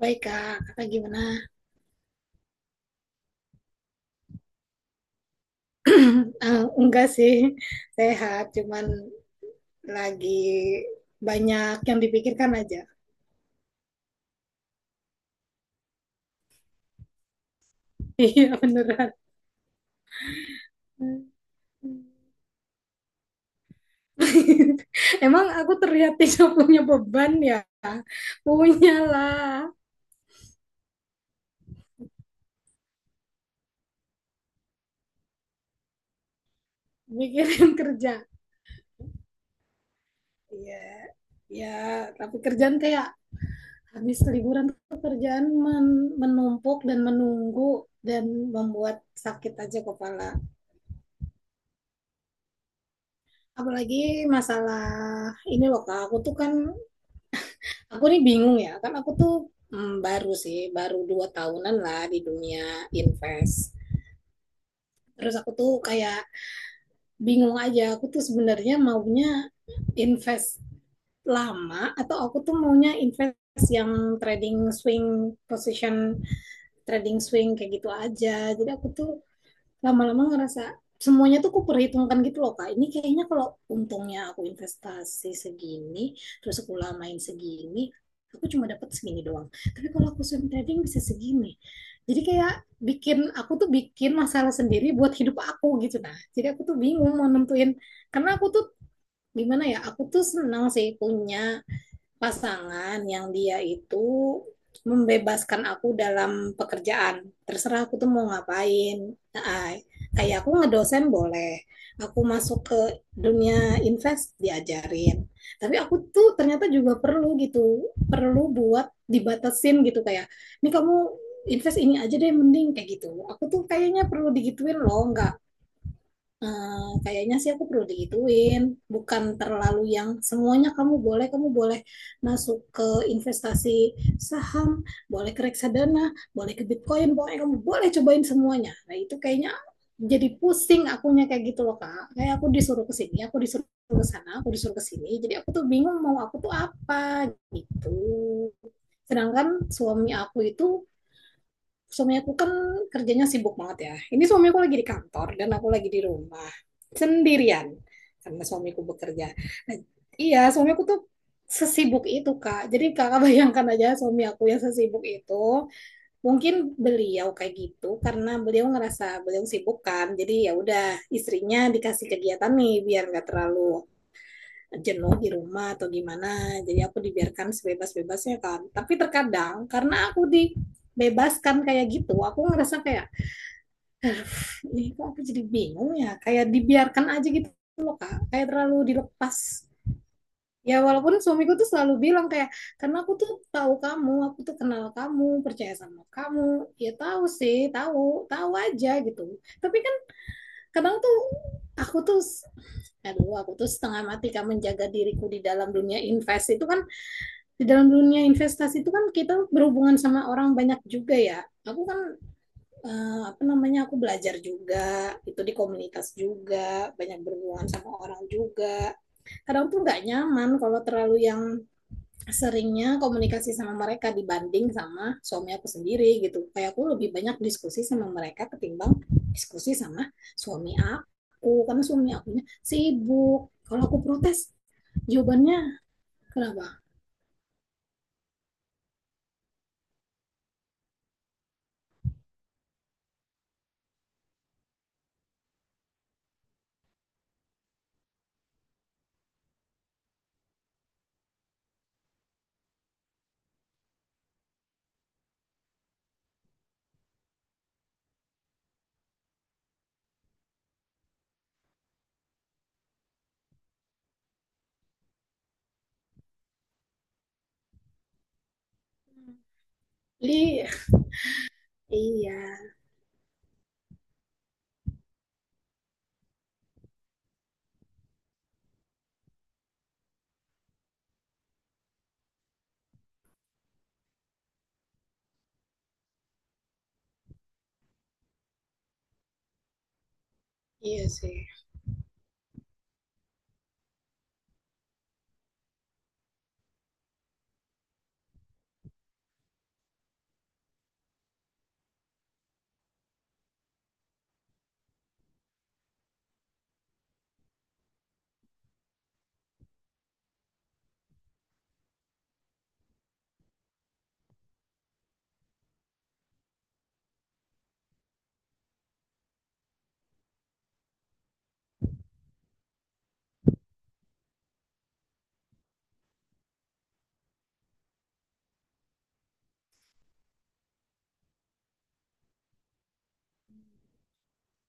Baik kak, kakak gimana? Eh, enggak sih, sehat. Cuman lagi banyak yang dipikirkan aja. Iya beneran. Emang aku terlihat tidak punya beban ya? Punya lah, mikirin kerja. Iya, ya. Tapi kerjaan kayak habis liburan tuh kerjaan menumpuk dan menunggu dan membuat sakit aja kepala. Apalagi masalah ini loh Kak, aku tuh kan aku nih bingung ya, kan aku tuh baru sih, baru 2 tahunan lah di dunia invest. Terus aku tuh kayak bingung aja, aku tuh sebenarnya maunya invest lama atau aku tuh maunya invest yang trading swing position, trading swing kayak gitu aja. Jadi aku tuh lama-lama ngerasa semuanya tuh aku perhitungkan gitu loh Kak. Ini kayaknya kalau untungnya aku investasi segini, terus aku lamain segini, aku cuma dapat segini doang. Tapi kalau aku swing trading bisa segini. Jadi kayak bikin aku tuh bikin masalah sendiri buat hidup aku gitu nah. Jadi aku tuh bingung mau nentuin karena aku tuh gimana ya, aku tuh senang sih punya pasangan yang dia itu membebaskan aku dalam pekerjaan. Terserah aku tuh mau ngapain. Nah, kayak aku ngedosen boleh. Aku masuk ke dunia invest diajarin. Tapi aku tuh ternyata juga perlu gitu. Perlu buat dibatasin gitu kayak, ini kamu invest ini aja deh mending kayak gitu. Aku tuh kayaknya perlu digituin loh, nggak. Eh, kayaknya sih aku perlu digituin, bukan terlalu yang semuanya kamu boleh masuk ke investasi saham, boleh ke reksadana, boleh ke Bitcoin, boleh kamu boleh cobain semuanya. Nah, itu kayaknya jadi pusing akunya kayak gitu loh, Kak. Kayak aku disuruh ke sini, aku disuruh ke sana, aku disuruh ke sini. Jadi aku tuh bingung mau aku tuh apa gitu. Sedangkan suami aku itu suami aku kan kerjanya sibuk banget ya. Ini suami aku lagi di kantor dan aku lagi di rumah sendirian karena suamiku bekerja. Nah, iya, suami aku tuh sesibuk itu, Kak. Jadi Kakak bayangkan aja suami aku yang sesibuk itu. Mungkin beliau kayak gitu karena beliau ngerasa beliau sibuk kan. Jadi ya udah istrinya dikasih kegiatan nih biar nggak terlalu jenuh di rumah atau gimana. Jadi aku dibiarkan sebebas-bebasnya kan. Tapi terkadang karena aku dibebaskan kayak gitu, aku ngerasa kayak, ini kok aku jadi bingung ya. Kayak dibiarkan aja gitu loh Kak. Kayak terlalu dilepas. Ya walaupun suamiku tuh selalu bilang kayak, karena aku tuh tahu kamu, aku tuh kenal kamu, percaya sama kamu. Ya tahu sih, tahu, tahu aja gitu. Tapi kan kadang tuh aku tuh aduh, aku tuh setengah mati kan menjaga diriku di dalam dunia invest itu kan, di dalam dunia investasi itu kan kita berhubungan sama orang banyak juga ya. Aku kan apa namanya, aku belajar juga itu di komunitas juga, banyak berhubungan sama orang juga. Kadang tuh nggak nyaman kalau terlalu yang seringnya komunikasi sama mereka dibanding sama suami aku sendiri gitu. Kayak aku lebih banyak diskusi sama mereka ketimbang diskusi sama suami aku karena suami akunya sibuk. Kalau aku protes jawabannya kenapa? Li, iya. Iya sih.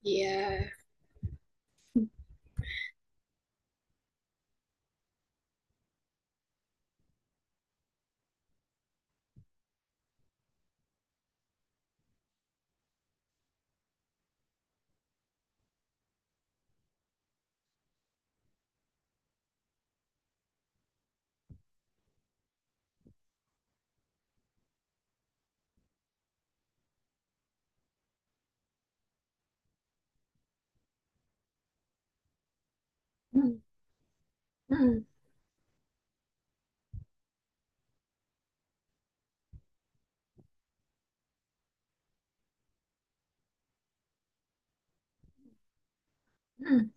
Iya. Hmm, hmm, hmm,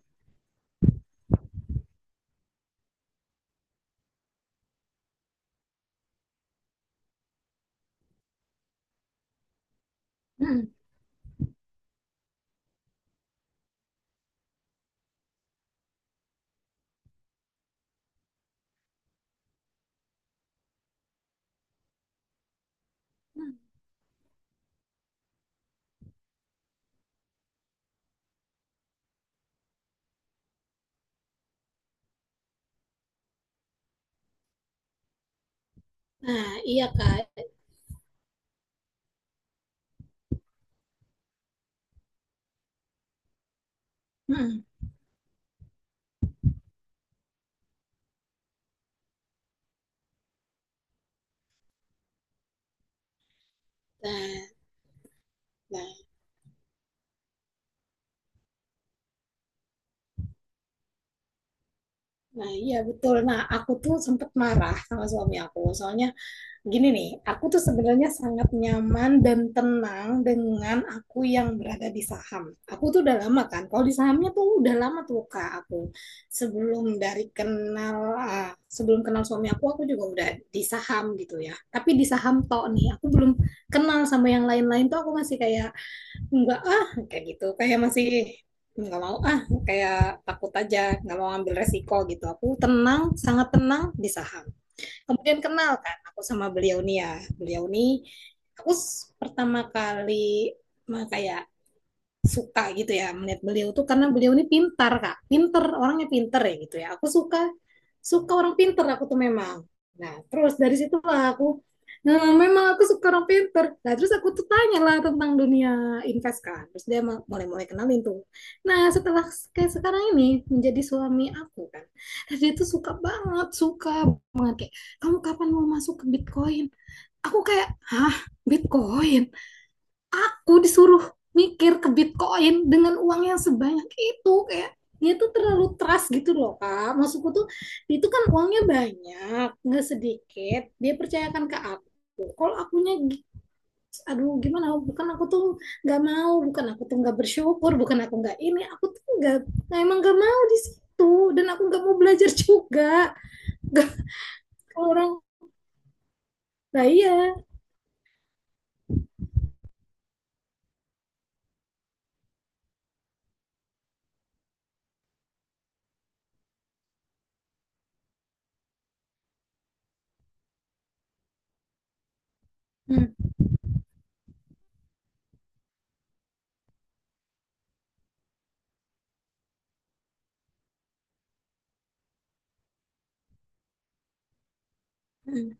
hmm, hmm. Nah, iya Kak. Hmm. Nah, nah, nah, iya betul. Nah, aku tuh sempet marah sama suami aku. Soalnya gini nih, aku tuh sebenarnya sangat nyaman dan tenang dengan aku yang berada di saham. Aku tuh udah lama kan, kalau di sahamnya tuh udah lama tuh Kak aku. Sebelum kenal suami aku juga udah di saham gitu ya. Tapi di saham tok nih, aku belum kenal sama yang lain-lain, tuh aku masih kayak, enggak ah, kayak gitu. Kayak masih nggak mau ah, kayak takut aja, nggak mau ambil resiko gitu. Aku tenang, sangat tenang di saham. Kemudian kenal kan aku sama beliau nih ya. Beliau nih, aku pertama kali mah kayak suka gitu ya melihat beliau tuh, karena beliau ini pintar Kak, pinter orangnya, pinter ya gitu ya, aku suka. Suka orang pinter aku tuh, memang. Nah, terus dari situ lah aku, nah memang aku suka orang pinter. Nah terus aku tuh tanya lah tentang dunia invest kan, terus dia mulai-mulai kenalin tuh. Nah setelah kayak sekarang ini menjadi suami aku kan, terus dia tuh suka banget, suka banget kayak, kamu kapan mau masuk ke Bitcoin? Aku kayak, hah, Bitcoin? Aku disuruh mikir ke Bitcoin dengan uang yang sebanyak itu, kayak dia tuh terlalu trust gitu loh Kak, maksudku tuh itu kan uangnya banyak, nggak sedikit dia percayakan ke aku. Kalau akunya aduh gimana, bukan aku tuh nggak mau, bukan aku tuh nggak bersyukur, bukan aku nggak ini, aku tuh nggak. Nah, emang nggak mau di situ dan aku nggak mau belajar juga. Nggak, orang nah iya. Hmm, hmm,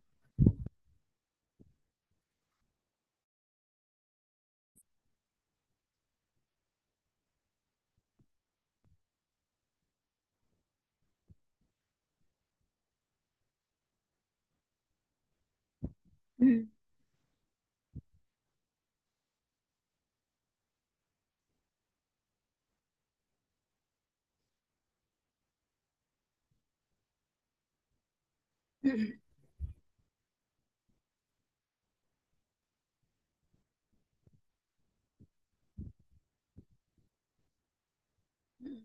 hmm, hmm, hmm, hmm.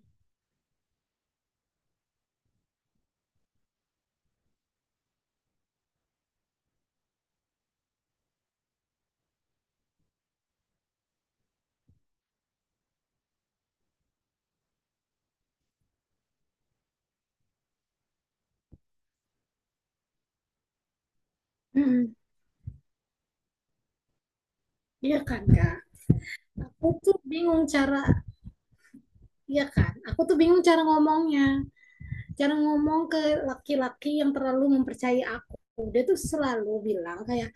Hmm. Iya kan Kak, aku tuh bingung cara, ya kan aku tuh bingung cara ngomongnya, cara ngomong ke laki-laki yang terlalu mempercayai aku. Dia tuh selalu bilang kayak,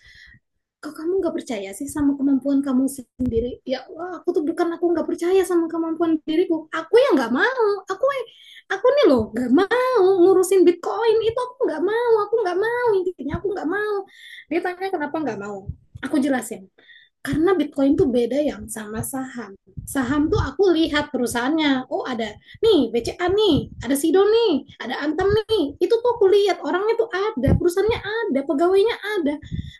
kok kamu nggak percaya sih sama kemampuan kamu sendiri? Ya Allah, aku tuh bukan aku nggak percaya sama kemampuan diriku, aku yang nggak mau. Aku nih loh nggak mau ngurusin Bitcoin itu, aku nggak mau, aku nggak mau, intinya aku nggak mau. Dia tanya kenapa nggak mau, aku jelasin karena Bitcoin tuh beda yang sama saham. Saham tuh aku lihat perusahaannya. Oh ada nih BCA nih, ada Sido nih, ada Antam nih. Itu tuh aku lihat orangnya tuh ada, perusahaannya ada, pegawainya ada.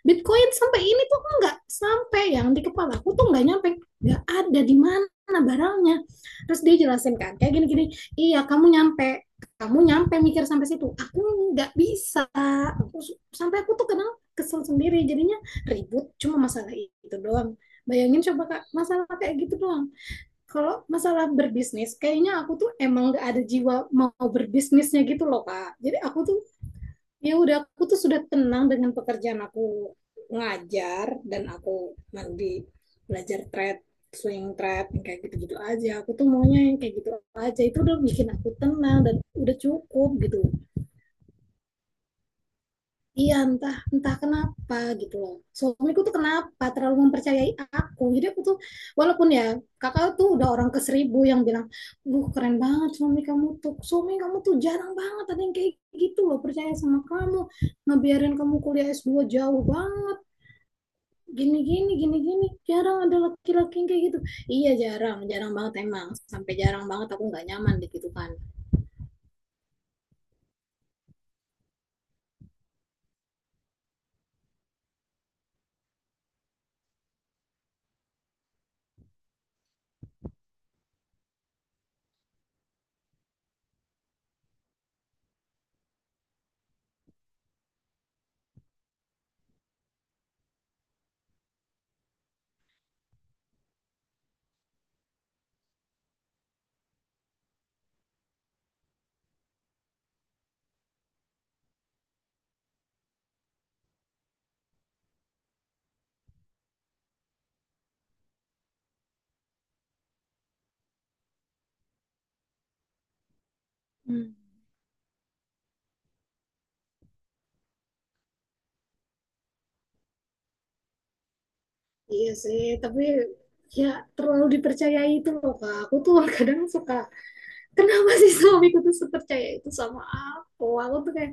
Bitcoin sampai ini tuh enggak sampai yang di kepala aku, tuh enggak nyampe, enggak ada di mana barangnya. Terus dia jelasin kan kayak gini-gini. Iya kamu nyampe, kamu nyampe mikir sampai situ aku nggak bisa. Aku sampai aku tuh kenal kesel sendiri jadinya, ribut cuma masalah itu doang. Bayangin coba Kak, masalah kayak gitu doang. Kalau masalah berbisnis, kayaknya aku tuh emang gak ada jiwa mau berbisnisnya gitu loh Kak. Jadi aku tuh, ya udah aku tuh sudah tenang dengan pekerjaan aku ngajar, dan aku nanti belajar swing trade yang kayak gitu-gitu aja, aku tuh maunya yang kayak gitu aja, itu udah bikin aku tenang dan udah cukup gitu. Iya, entah entah kenapa gitu loh. Suamiku tuh kenapa terlalu mempercayai aku. Jadi aku tuh walaupun ya, kakak tuh udah orang ke seribu yang bilang, "Duh, keren banget suami kamu tuh. Suami kamu tuh jarang banget ada yang kayak gitu loh percaya sama kamu. Ngebiarin kamu kuliah S2 jauh banget. Gini gini gini gini. Jarang ada laki-laki yang kayak gitu." Iya, jarang, jarang banget emang. Sampai jarang banget aku nggak nyaman di gitu kan. Hmm. Iya sih, tapi ya terlalu dipercayai itu loh Kak. Aku tuh kadang suka, kenapa sih suamiku tuh sepercaya itu sama aku? Aku tuh kayak,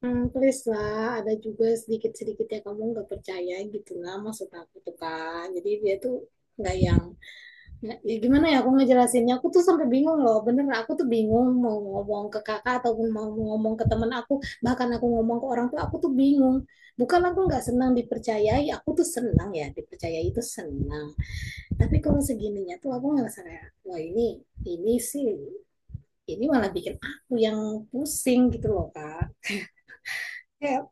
please lah, ada juga sedikit-sedikit ya kamu nggak percaya gitu lah, maksud aku tuh Kak. Jadi dia tuh nggak yang, ya gimana ya aku ngejelasinnya, aku tuh sampai bingung loh, bener aku tuh bingung mau ngomong ke kakak ataupun mau ngomong ke teman aku, bahkan aku ngomong ke orang tuh aku tuh bingung. Bukan aku nggak senang dipercayai, aku tuh senang ya, dipercayai itu senang. Tapi kalau segininya tuh aku ngerasa kayak, wah ini sih, ini malah bikin aku yang pusing gitu loh, Kak. Kayak,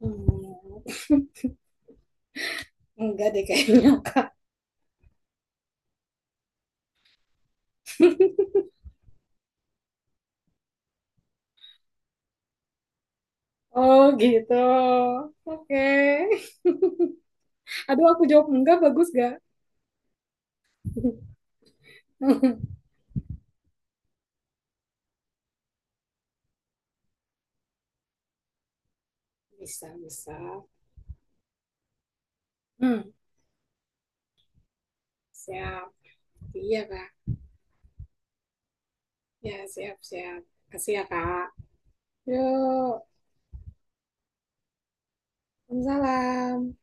hmm, enggak deh kayaknya, Kak. Oh gitu, oke. Okay. Aduh, aku jawab enggak, bagus gak? Bisa, bisa. Hmm, siap. Iya, Kak. Ya, siap, siap. Kasih ya, Kak. Yuk, salam.